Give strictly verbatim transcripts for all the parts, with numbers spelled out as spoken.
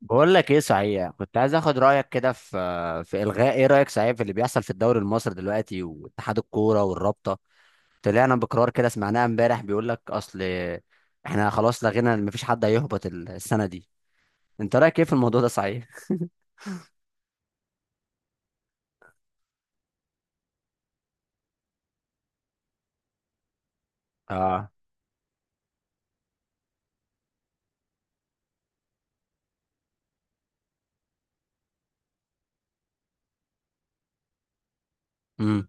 بقول لك ايه، صحيح كنت عايز اخد رايك كده في في الغاء. ايه رايك، صحيح، في اللي بيحصل في الدوري المصري دلوقتي؟ واتحاد الكوره والرابطه طلعنا بقرار كده، سمعناه امبارح، بيقول لك اصل احنا خلاص لغينا، مفيش حد هيهبط ال- السنه دي. انت رايك ايه في الموضوع ده صحيح؟ اه. امم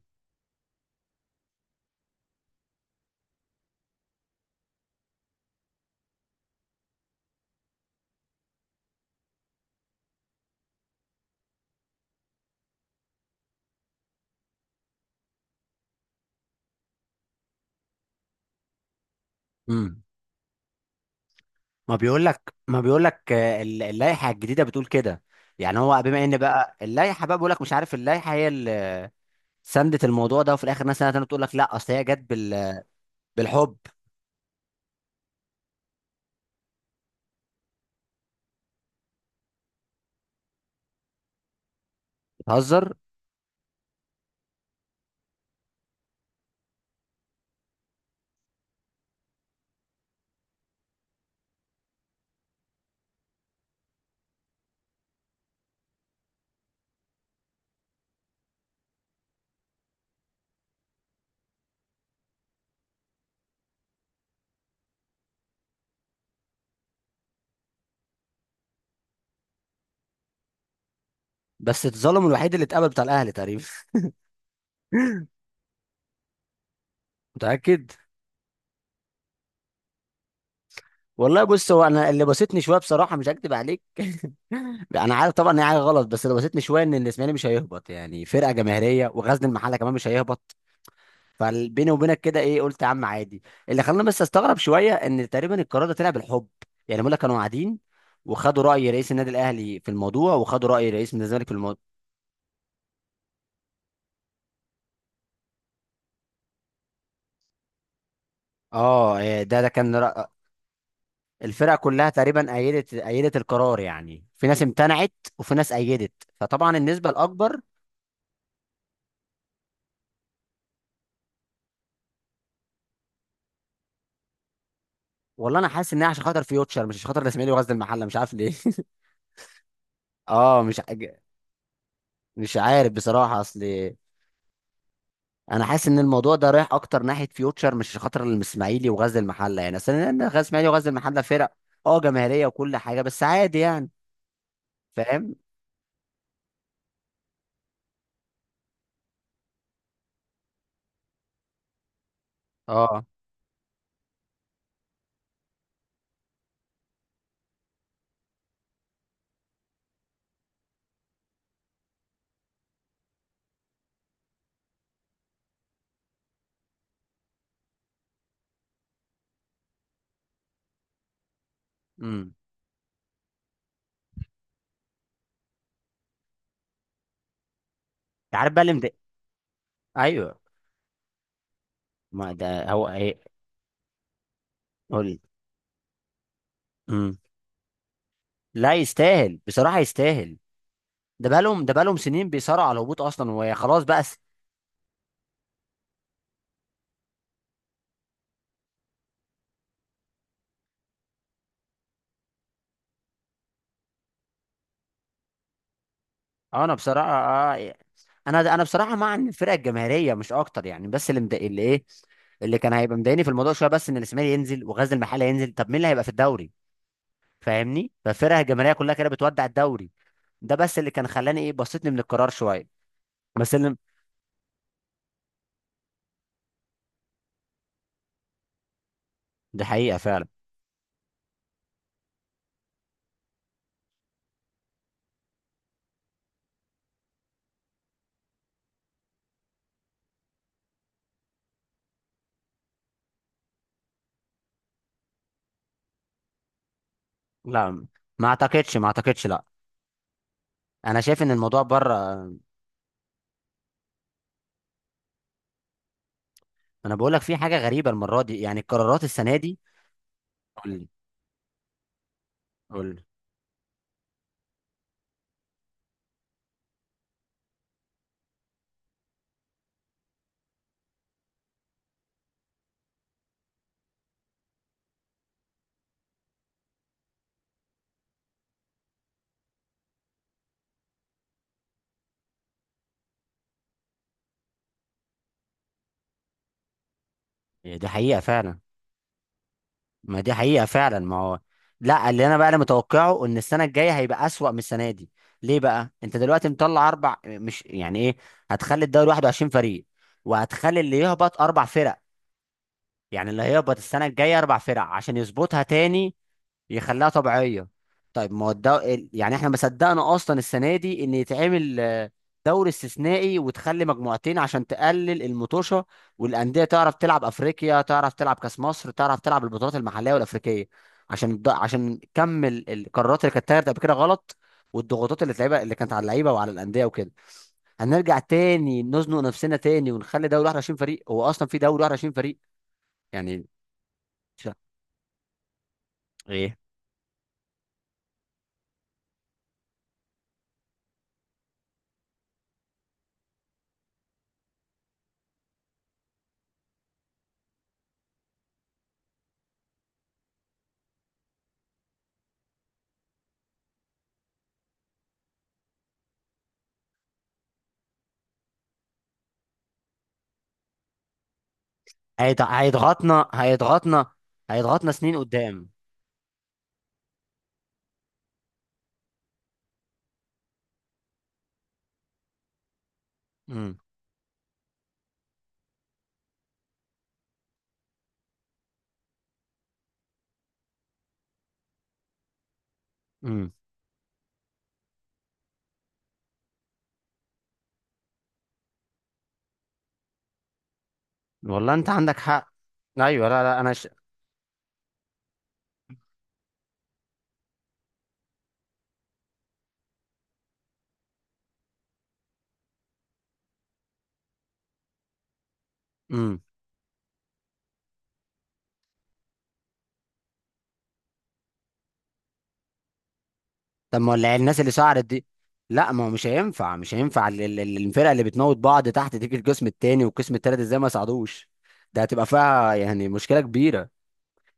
امم ما بيقول لك، ما بيقول لك اللائحه الجديده بتقول كده. يعني هو بما ان بقى اللائحه بقى بيقول لك، مش عارف، اللائحه هي اللي سندت الموضوع ده، وفي الاخر ناس سنه تانية تقول لك لا اصل هي جت بال، بالحب. بتهزر. بس اتظلم الوحيد اللي اتقبل بتاع الاهلي تقريبا. متاكد؟ والله بص، هو انا اللي بسطني شويه بصراحه، مش هكدب عليك. انا عارف طبعا ان هي حاجه غلط، بس اللي بسطني شويه ان الاسماعيلي مش هيهبط، يعني فرقه جماهيريه، وغزل المحله كمان مش هيهبط. فبيني وبينك كده ايه، قلت يا عم عادي. اللي خلاني بس استغرب شويه ان تقريبا القرار ده طلع بالحب. يعني بيقول لك كانوا قاعدين وخدوا راي رئيس النادي الاهلي في الموضوع، وخدوا راي رئيس النادي الزمالك في الموضوع. اه إيه ده، ده كان رأ... الفرق كلها تقريبا أيدت، أيدت القرار، يعني في ناس امتنعت وفي ناس أيدت، فطبعا النسبة الأكبر. والله أنا حاسس إنها عشان خاطر فيوتشر، مش عشان خاطر الإسماعيلي وغزل المحلة، مش عارف ليه. أه مش ع-، مش عارف بصراحة أصل. أنا حاسس إن الموضوع ده رايح أكتر ناحية فيوتشر مش عشان خاطر الإسماعيلي وغزل المحلة، يعني أصل إن غزل الإسماعيلي وغزل المحلة فرق أه جماهيرية وكل حاجة، بس عادي يعني. فاهم. أه. أمم. عارف بقى اللي مضايق-. أيوه. ما ده هو إيه. قول لي. أمم. لا يستاهل بصراحة، يستاهل. ده بقالهم ده بقالهم سنين بيصارعوا على الهبوط اصلا، وخلاص بقى س... آه، انا بصراحه آه. انا انا بصراحه مع ان الفرقه الجماهيريه، مش اكتر يعني، بس اللي مضايق اللي ايه، اللي كان هيبقى مضايقني في الموضوع شويه بس ان الاسماعيلي ينزل وغزل المحله ينزل، طب مين اللي هيبقى في الدوري؟ فاهمني؟ فالفرقه الجماهيريه كلها كده بتودع الدوري. ده بس اللي كان خلاني ايه، بسطني من القرار شويه. بس اللي، دي حقيقه فعلا. لا ما اعتقدش، ما اعتقدش، لا. انا شايف ان الموضوع بره. انا بقول لك في حاجه غريبه المره دي، يعني القرارات السنه دي. قول لي. قول لي. دي حقيقه فعلا. ما دي حقيقة فعلا، ما هو. لا اللي انا بقى، انا متوقعه ان السنة الجاية هيبقى اسوأ من السنة دي. ليه بقى؟ انت دلوقتي مطلع اربع، مش يعني ايه، هتخلي الدوري واحد وعشرين فريق، وهتخلي اللي يهبط اربع فرق، يعني اللي هيهبط السنة الجاية اربع فرق عشان يظبطها تاني، يخليها طبيعيه. طيب ما هو الدو... ال- يعني احنا ما صدقنا اصلا السنه دي ان يتعمل آه، دوري استثنائي وتخلي مجموعتين عشان تقلل المطوشه، والانديه تعرف تلعب افريقيا، تعرف تلعب كاس مصر، تعرف تلعب البطولات المحليه والافريقيه، عشان الد... عشان كم ال- القرارات اللي كانت اتاخدت قبل كده غلط، والضغوطات اللي اتلعبها اللي كانت على اللعيبه وعلى الانديه وكده. هنرجع تاني نزنق نفسنا تاني، ونخلي دوري واحد وعشرين فريق؟ هو اصلا في دوري واحد وعشرين فريق يعني؟ مش-. ايه. هيض- هيضغطنا، هيضغطنا هيضغطنا سنين قدام. امم. امم. والله انت عندك حق. ايوه لا لا انا ش... امم. طب ما ولا الناس اللي سعرت دي. لا ما هو مش هينفع، مش هينفع ال- ال- ال- الفرقه اللي بتموت بعض تحت، تيجي القسم التاني والقسم التالت ازاي ما يصعدوش؟ ده هتبقى فيها يعني مشكله كبيره،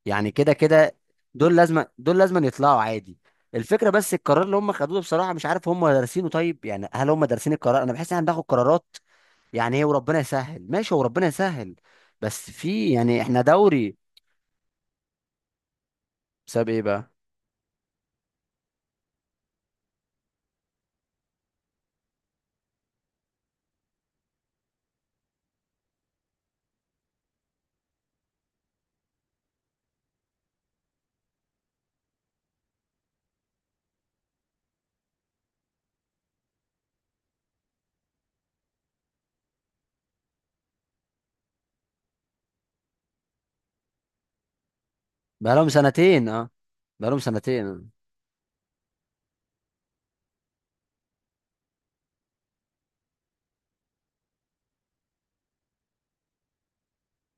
يعني كده كده. دول لازم دول لازم يطلعوا عادي. الفكره بس القرار اللي هم خدوه ده بصراحه مش عارف هم دارسينه، طيب يعني هل هم دارسين القرار؟ انا بحس ان احنا بناخد قرارات، يعني ايه، وربنا يسهل. ماشي، هو ربنا يسهل، بس في يعني احنا دوري. بسبب ايه بقى؟ بقالهم سنتين اه، بقالهم سنتين.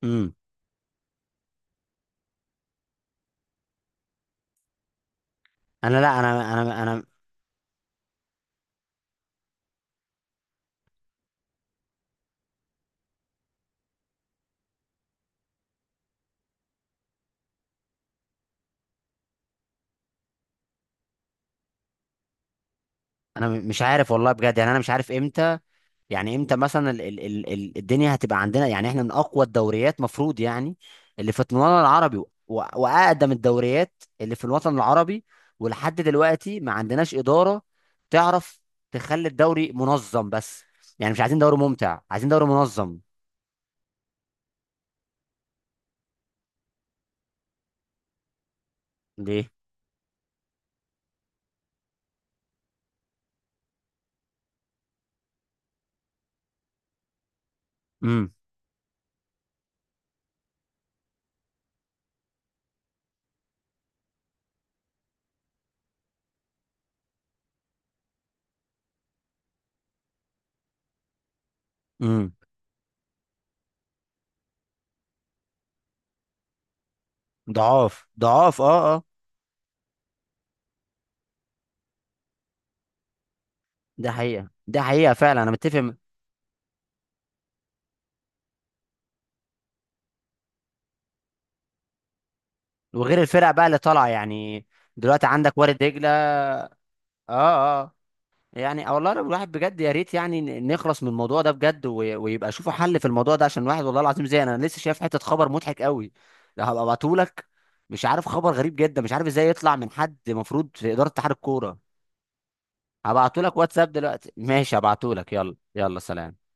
امم. انا لا انا انا انا انا مش عارف والله بجد، يعني انا مش عارف امتى، يعني امتى مثلا ال ال ال ال الدنيا هتبقى عندنا، يعني احنا من اقوى الدوريات مفروض، يعني اللي في الوطن العربي و- واقدم الدوريات اللي في الوطن العربي، ولحد دلوقتي ما عندناش إدارة تعرف تخلي الدوري منظم بس، يعني مش عايزين دوري ممتع، عايزين دوري منظم. ليه؟ امم. امم. ضعاف، ضعاف، اه اه. ده حقيقة، ده حقيقة فعلا، انا متفق م-. وغير الفرق بقى اللي طالعة يعني، دلوقتي عندك وارد دجلة اه. اه آه. يعني والله لو الواحد بجد، يا ريت يعني ن- نخلص من الموضوع ده بجد، وي- ويبقى شوفوا حل في الموضوع ده، عشان الواحد والله العظيم زي انا لسه شايف حتة خبر مضحك قوي، لو هبقى ابعتهولك. مش عارف، خبر غريب جدا، مش عارف ازاي يطلع من حد المفروض في إدارة اتحاد الكورة. هبعتهولك واتساب دلوقتي، ماشي، هبعتهولك، يلا يلا سلام.